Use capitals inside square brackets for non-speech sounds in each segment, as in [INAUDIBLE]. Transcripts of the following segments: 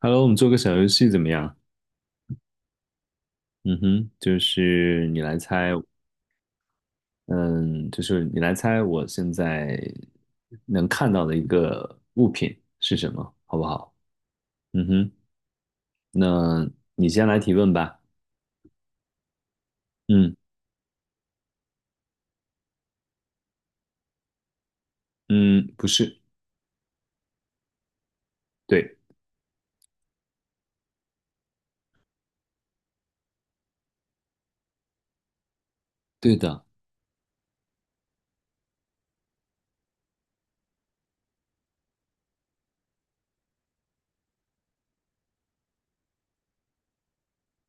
Hello，我们做个小游戏怎么样？嗯哼，就是你来猜，嗯，就是你来猜我现在能看到的一个物品是什么，好不好？嗯哼，那你先来提问吧。嗯嗯，不是，对对的，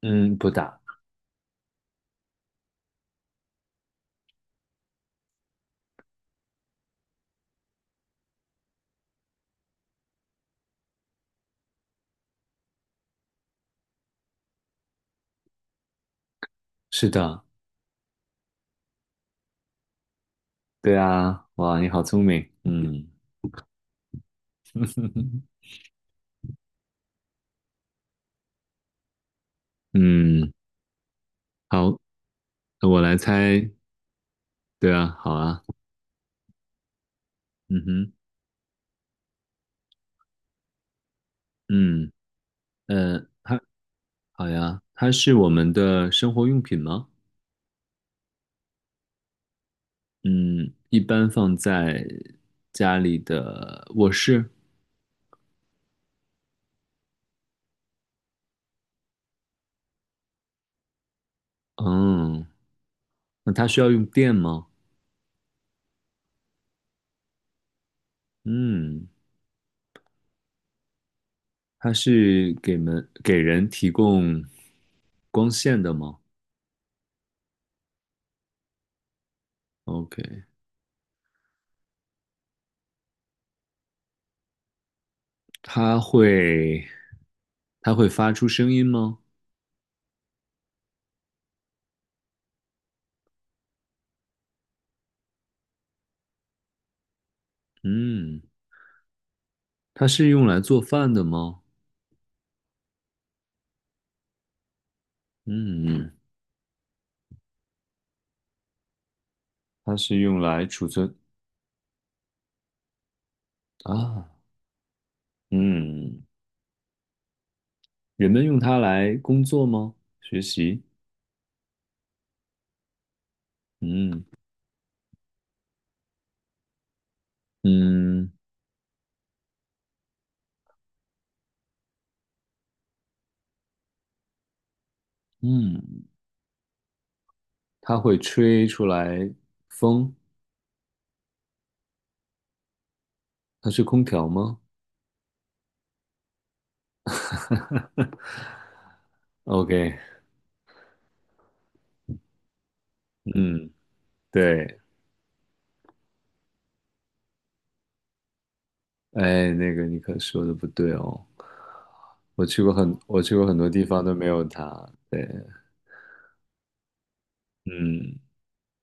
嗯，不打，是的，对啊，哇，你好聪明，嗯。 [LAUGHS] 嗯，好，那我来猜，对啊，好啊，嗯哼，嗯呃。好呀，它是我们的生活用品吗？嗯，一般放在家里的卧室。嗯，那它需要用电吗？嗯，它是给人提供光线的吗？OK，它会它会发出声音吗？嗯，它是用来做饭的吗？嗯，它是用来储存啊。嗯，人们用它来工作吗？学习？嗯嗯嗯，它会吹出来风，它是空调吗？OK，嗯，对，哎，那个你可说的不对哦，我去过很多地方都没有它，对，嗯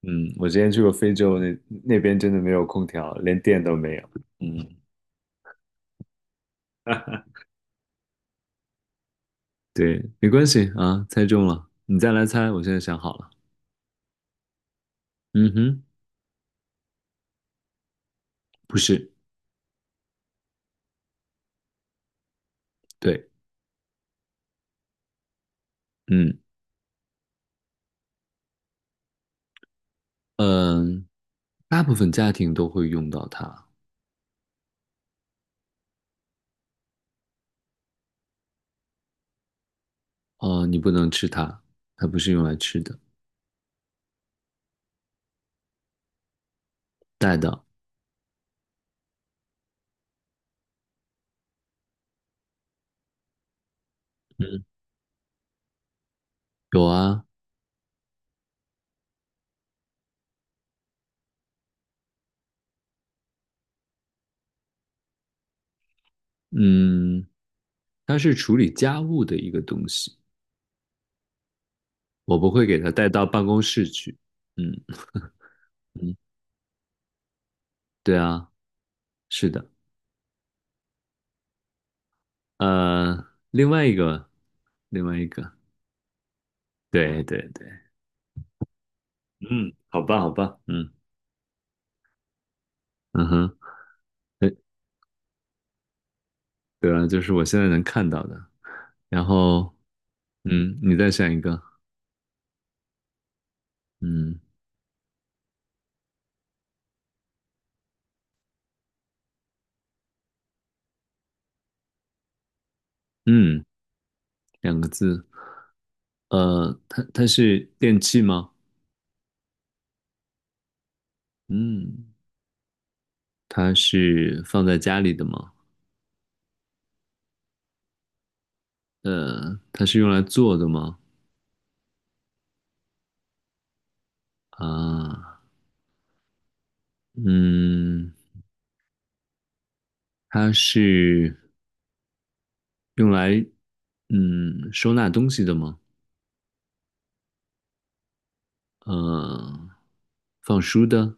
嗯，我之前去过非洲那那边真的没有空调，连电都没有，嗯，对，没关系啊，猜中了，你再来猜，我现在想好了，嗯哼，不是，对。嗯。嗯，大部分家庭都会用到它。哦，你不能吃它，它不是用来吃的。带的有啊，嗯，它是处理家务的一个东西，我不会给它带到办公室去。嗯嗯，对啊，是的。另外一个，另外一个，对对对，嗯，好吧好吧，嗯嗯哼，哎，对啊，就是我现在能看到的。然后，嗯，你再选一个，嗯嗯，两个字。它是电器吗？嗯，它是放在家里的吗？它是用来做的吗？啊，嗯，它是用来收纳东西的吗？呃，放书的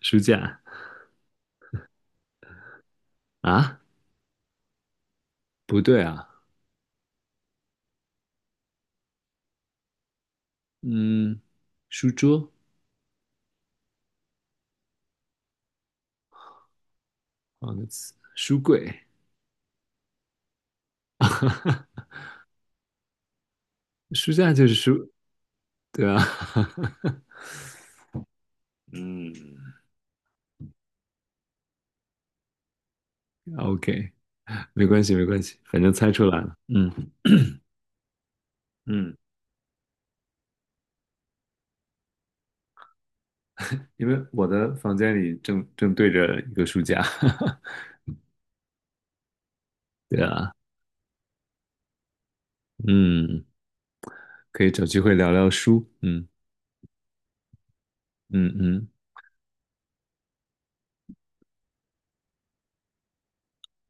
书架啊？不对啊，嗯，书桌，换个词，书柜，书架就是书，对啊，[LAUGHS] 嗯，OK,没关系没关系，反正猜出来了，嗯。嗯，因为我的房间里正对着一个书架，[LAUGHS] 对啊，嗯，可以找机会聊聊书，嗯嗯嗯，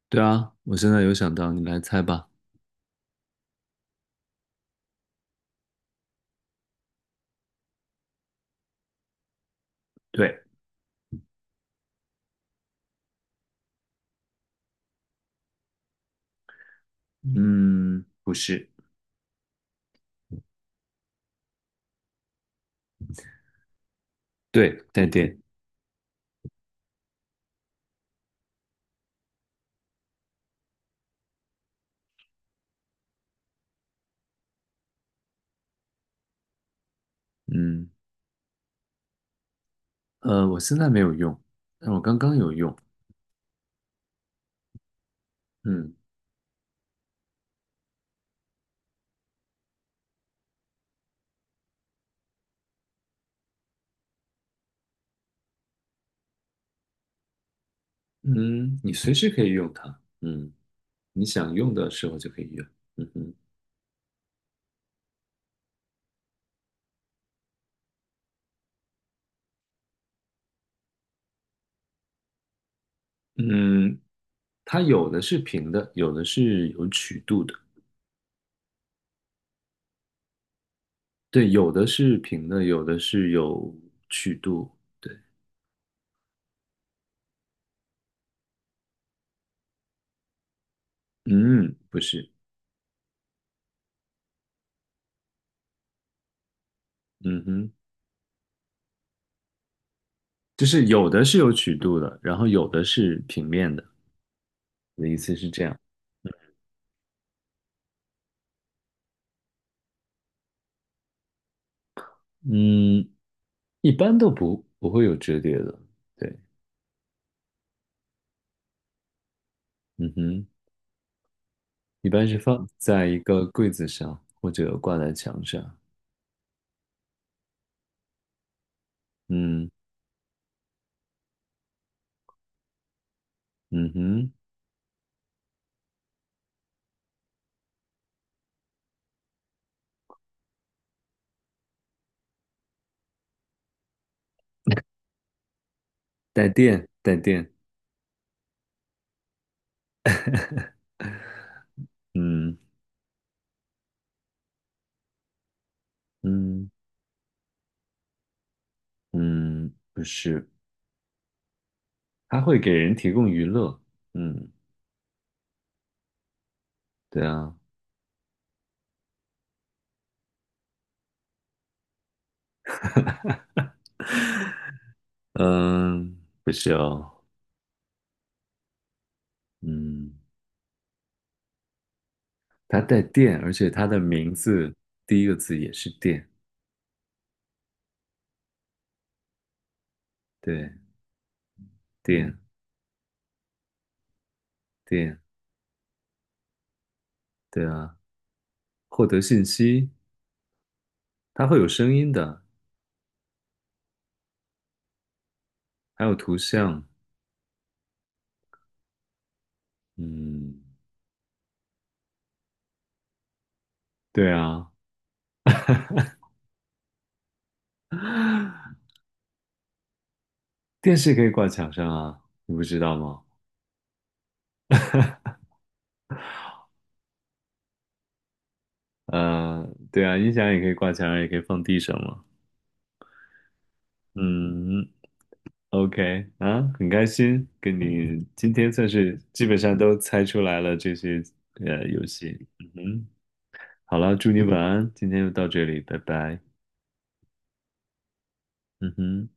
对啊，我现在有想到，你来猜吧。对，嗯，不是，对，带电，嗯，我现在没有用，但我刚刚有用，嗯嗯，你随时可以用它，嗯，你想用的时候就可以用，嗯哼，嗯，它有的是平的，有的是有曲度的，对，有的是平的，有的是有曲度。对，嗯，不是，嗯哼，就是有的是有曲度的，然后有的是平面的。我的意思是这样，嗯，一般都不会有折叠的。对，嗯哼，一般是放在一个柜子上或者挂在墙上。嗯嗯哼，带电带电。[LAUGHS] 嗯嗯嗯，不是，它会给人提供娱乐。嗯，对啊。嗯，不是哦，嗯，它带电，而且它的名字第一个字也是电，对，电电，对啊，获得信息，它会有声音的，还有图像，嗯，对啊，电视可以挂墙上啊，你不知道吗？对啊，音响也可以挂墙上，也可以放地上嘛，嗯，OK 啊，很开心跟你今天算是基本上都猜出来了这些游戏，嗯哼。好了，祝你晚安，今天就到这里，拜拜。嗯哼。